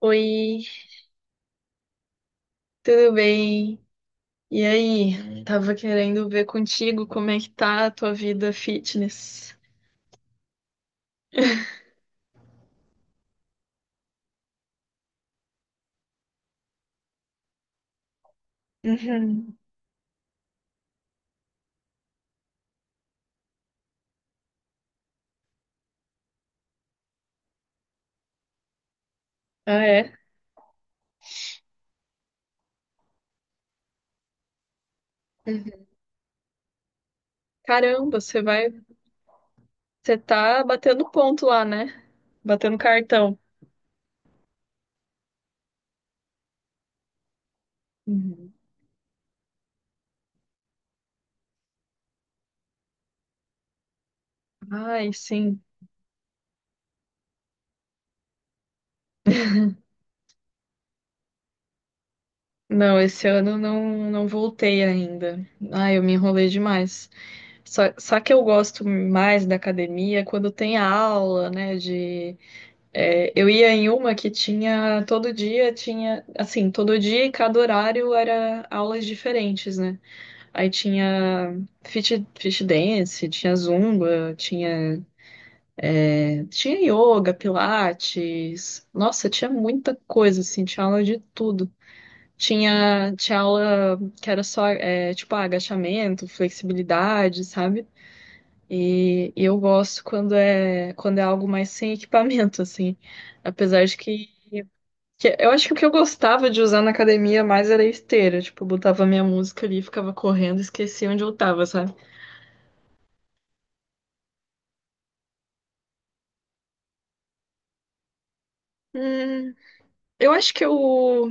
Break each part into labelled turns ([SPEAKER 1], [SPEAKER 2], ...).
[SPEAKER 1] Oi, tudo bem? E aí, tava querendo ver contigo como é que tá a tua vida fitness. Uhum. Ah, é? Uhum. Caramba, você tá batendo ponto lá, né? Batendo cartão. Uhum. Ai, sim. Não, esse ano eu não, não voltei ainda. Ai, eu me enrolei demais. Só que eu gosto mais da academia quando tem aula, né, de... É, eu ia em uma que tinha todo dia, tinha assim, todo dia e cada horário era aulas diferentes, né? Aí tinha fit dance, tinha zumba, tinha, tinha yoga, pilates. Nossa, tinha muita coisa, assim, tinha aula de tudo. Tinha aula que era só, é, tipo, ah, agachamento, flexibilidade, sabe? E eu gosto quando é algo mais sem equipamento, assim. Apesar de que... Eu acho que o que eu gostava de usar na academia mais era a esteira. Tipo, eu botava minha música ali, ficava correndo, esquecia onde eu tava, sabe? Hum, eu acho que eu,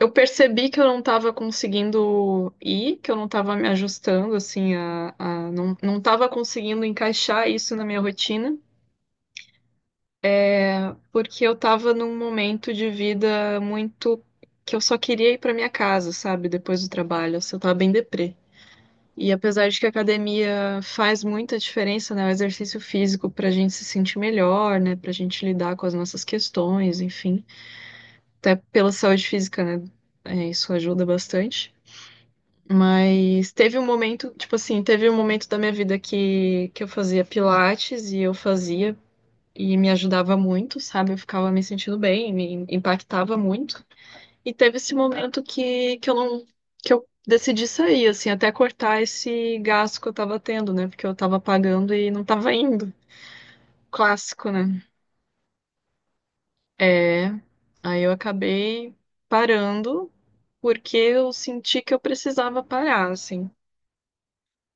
[SPEAKER 1] eu percebi que eu não tava conseguindo ir, que eu não tava me ajustando, assim, não tava conseguindo encaixar isso na minha rotina, porque eu tava num momento de vida muito que eu só queria ir pra minha casa, sabe? Depois do trabalho, assim, eu tava bem deprê. E apesar de que a academia faz muita diferença, né, o exercício físico para a gente se sentir melhor, né, para a gente lidar com as nossas questões, enfim, até pela saúde física, né, é, isso ajuda bastante. Mas teve um momento, tipo assim, teve um momento da minha vida que eu fazia pilates e eu fazia e me ajudava muito, sabe? Eu ficava me sentindo bem, me impactava muito. E teve esse momento que eu não, que eu decidi sair, assim, até cortar esse gasto que eu tava tendo, né? Porque eu tava pagando e não tava indo. Clássico, né? É. Aí eu acabei parando porque eu senti que eu precisava parar, assim.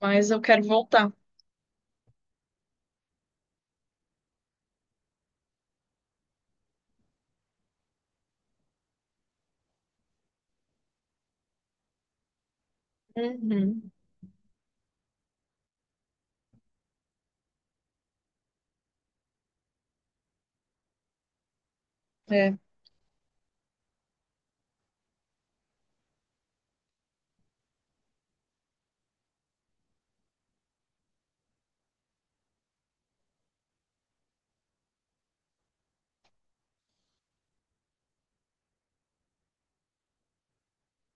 [SPEAKER 1] Mas eu quero voltar. Uhum. É.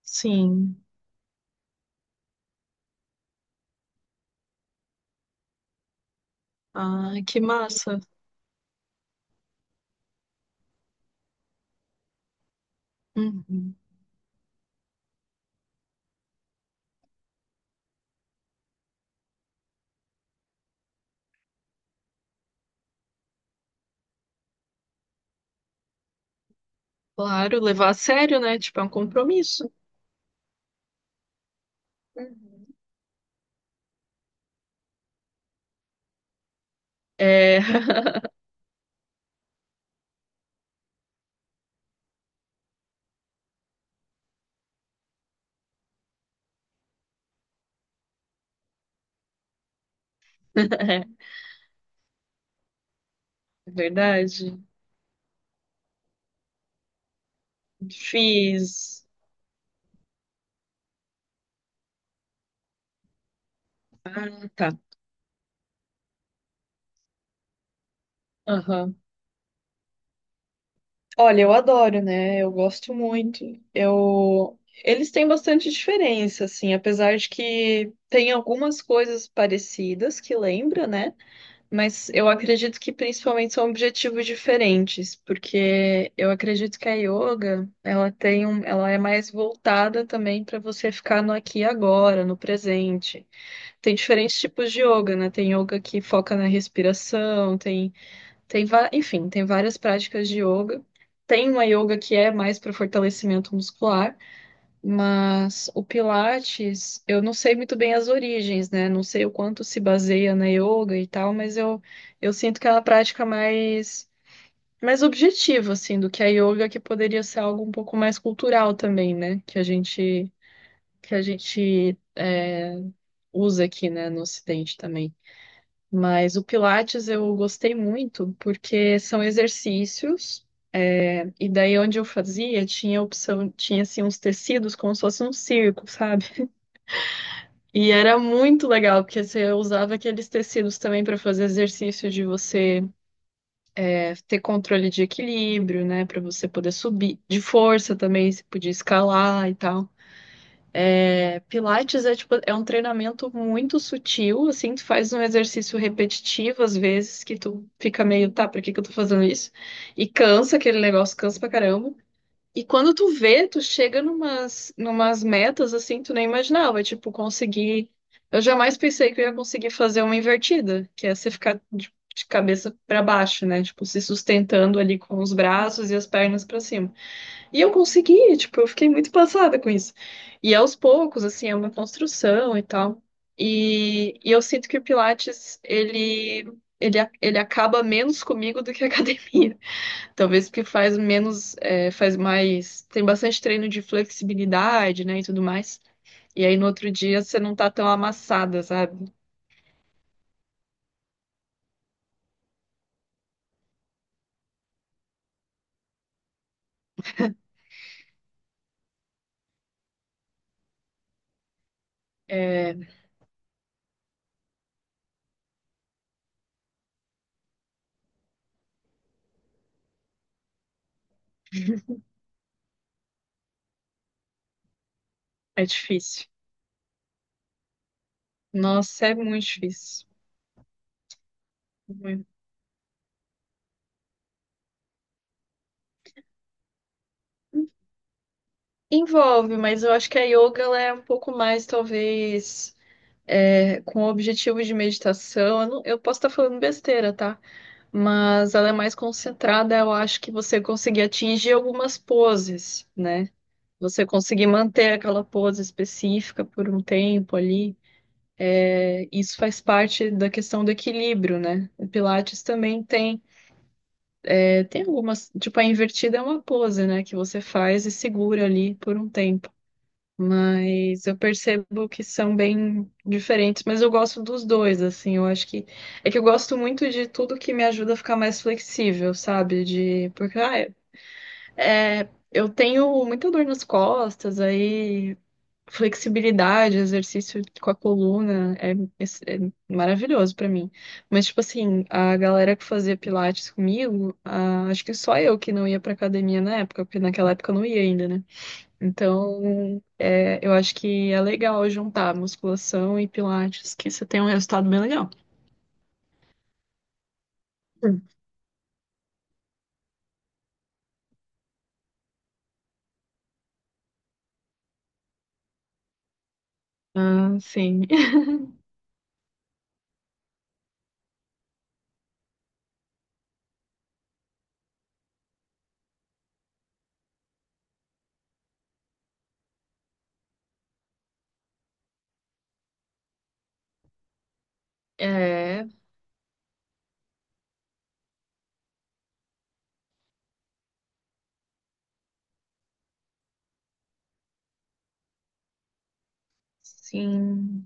[SPEAKER 1] Sim. Ai, que massa. Uhum. Claro, levar a sério, né? Tipo, é um compromisso. Uhum. É. É verdade. Fiz. Ah, tá. Aham. Olha, eu adoro, né? Eu gosto muito. Eu... Eles têm bastante diferença, assim, apesar de que tem algumas coisas parecidas que lembra, né? Mas eu acredito que principalmente são objetivos diferentes, porque eu acredito que a yoga, ela tem um... ela é mais voltada também para você ficar no aqui e agora, no presente. Tem diferentes tipos de yoga, né? Tem yoga que foca na respiração, tem... enfim, tem várias práticas de yoga. Tem uma yoga que é mais para fortalecimento muscular, mas o Pilates, eu não sei muito bem as origens, né? Não sei o quanto se baseia na yoga e tal, eu sinto que é uma prática mais objetiva, assim, do que a yoga, que poderia ser algo um pouco mais cultural também, né? Que a gente é, usa aqui, né, no Ocidente também. Mas o Pilates eu gostei muito porque são exercícios. E daí onde eu fazia, tinha opção, tinha assim uns tecidos como se fosse um circo, sabe? E era muito legal, porque você usava aqueles tecidos também para fazer exercício de você é, ter controle de equilíbrio, né? Para você poder subir, de força também, você podia escalar e tal. É, Pilates é tipo, é um treinamento muito sutil, assim, tu faz um exercício repetitivo às vezes, que tu fica meio, tá, pra que que eu tô fazendo isso? E cansa aquele negócio, cansa pra caramba. E quando tu vê, tu chega numas metas assim, tu nem imaginava, tipo, conseguir. Eu jamais pensei que eu ia conseguir fazer uma invertida, que é você ficar de cabeça pra baixo, né? Tipo, se sustentando ali com os braços e as pernas pra cima. E eu consegui, tipo, eu fiquei muito passada com isso. E aos poucos, assim, é uma construção e tal. E eu sinto que o Pilates, ele acaba menos comigo do que a academia. Talvez porque faz menos, é, faz mais, tem bastante treino de flexibilidade, né, e tudo mais. E aí no outro dia você não tá tão amassada, sabe? É, é difícil. Nossa, é muito difícil. Muito. Envolve, mas eu acho que a yoga ela é um pouco mais, talvez, é, com o objetivo de meditação. Eu, não- eu posso estar falando besteira, tá? Mas ela é mais concentrada, eu acho que você conseguir atingir algumas poses, né? Você conseguir manter aquela pose específica por um tempo ali, é, isso faz parte da questão do equilíbrio, né? O Pilates também tem, é, tem algumas, tipo, a invertida é uma pose, né, que você faz e segura ali por um tempo. Mas eu percebo que são bem diferentes, mas eu gosto dos dois, assim, eu acho que é que eu gosto muito de tudo que me ajuda a ficar mais flexível, sabe? De porque ah, é, eu tenho muita dor nas costas, aí... Flexibilidade, exercício com a coluna, é, é maravilhoso pra mim. Mas, tipo assim, a galera que fazia pilates comigo, ah, acho que só eu que não ia pra academia na época, porque naquela época eu não ia ainda, né? Então, é, eu acho que é legal juntar musculação e pilates, que você tem um resultado bem legal. Hum. Ah, sim. É, sim,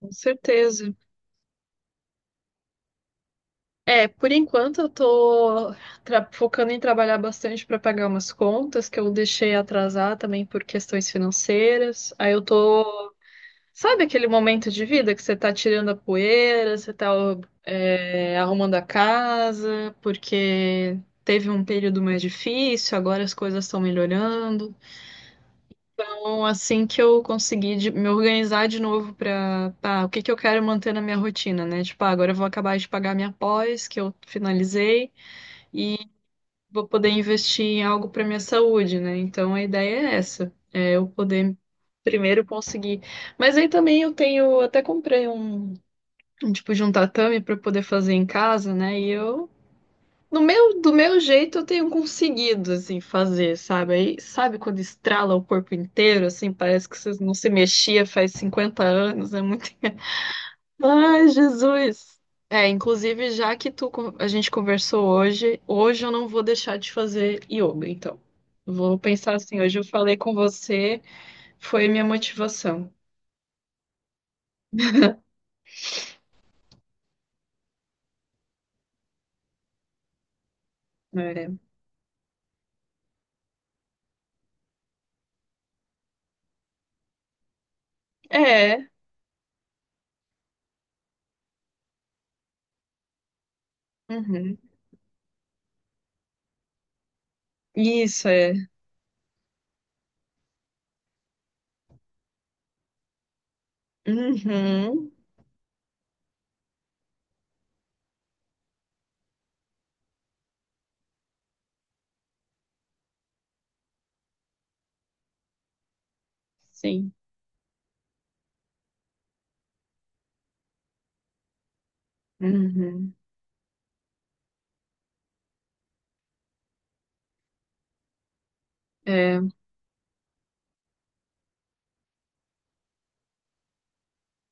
[SPEAKER 1] com certeza. É, por enquanto eu tô focando em trabalhar bastante para pagar umas contas que eu deixei atrasar também por questões financeiras. Aí eu tô, sabe aquele momento de vida que você tá tirando a poeira, você tá é, arrumando a casa, porque teve um período mais difícil, agora as coisas estão melhorando. Então, assim que eu conseguir me organizar de novo para, o que que eu quero manter na minha rotina, né? Tipo, ah, agora eu vou acabar de pagar minha pós que eu finalizei e vou poder investir em algo para minha saúde, né? Então a ideia é essa, é eu poder primeiro conseguir. Mas aí também eu tenho, até comprei um tipo de um tatame para poder fazer em casa, né? E eu no meu, do meu jeito eu tenho conseguido assim fazer, sabe? Aí sabe quando estrala o corpo inteiro, assim, parece que você não se mexia faz 50 anos, é muito... Ai, Jesus. É, inclusive, já que tu, con- a gente conversou hoje, hoje eu não vou deixar de fazer yoga, então. Vou pensar assim, hoje eu falei com você, foi minha motivação. É. É. Uhum. Isso, é. Uhum. Sim. Uhum. É,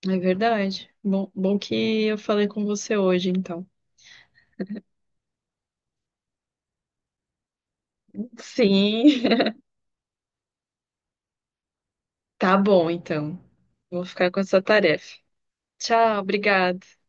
[SPEAKER 1] é verdade. Bom, bom que eu falei com você hoje, então. Sim. Tá bom, então. Vou ficar com essa tarefa. Tchau, obrigada.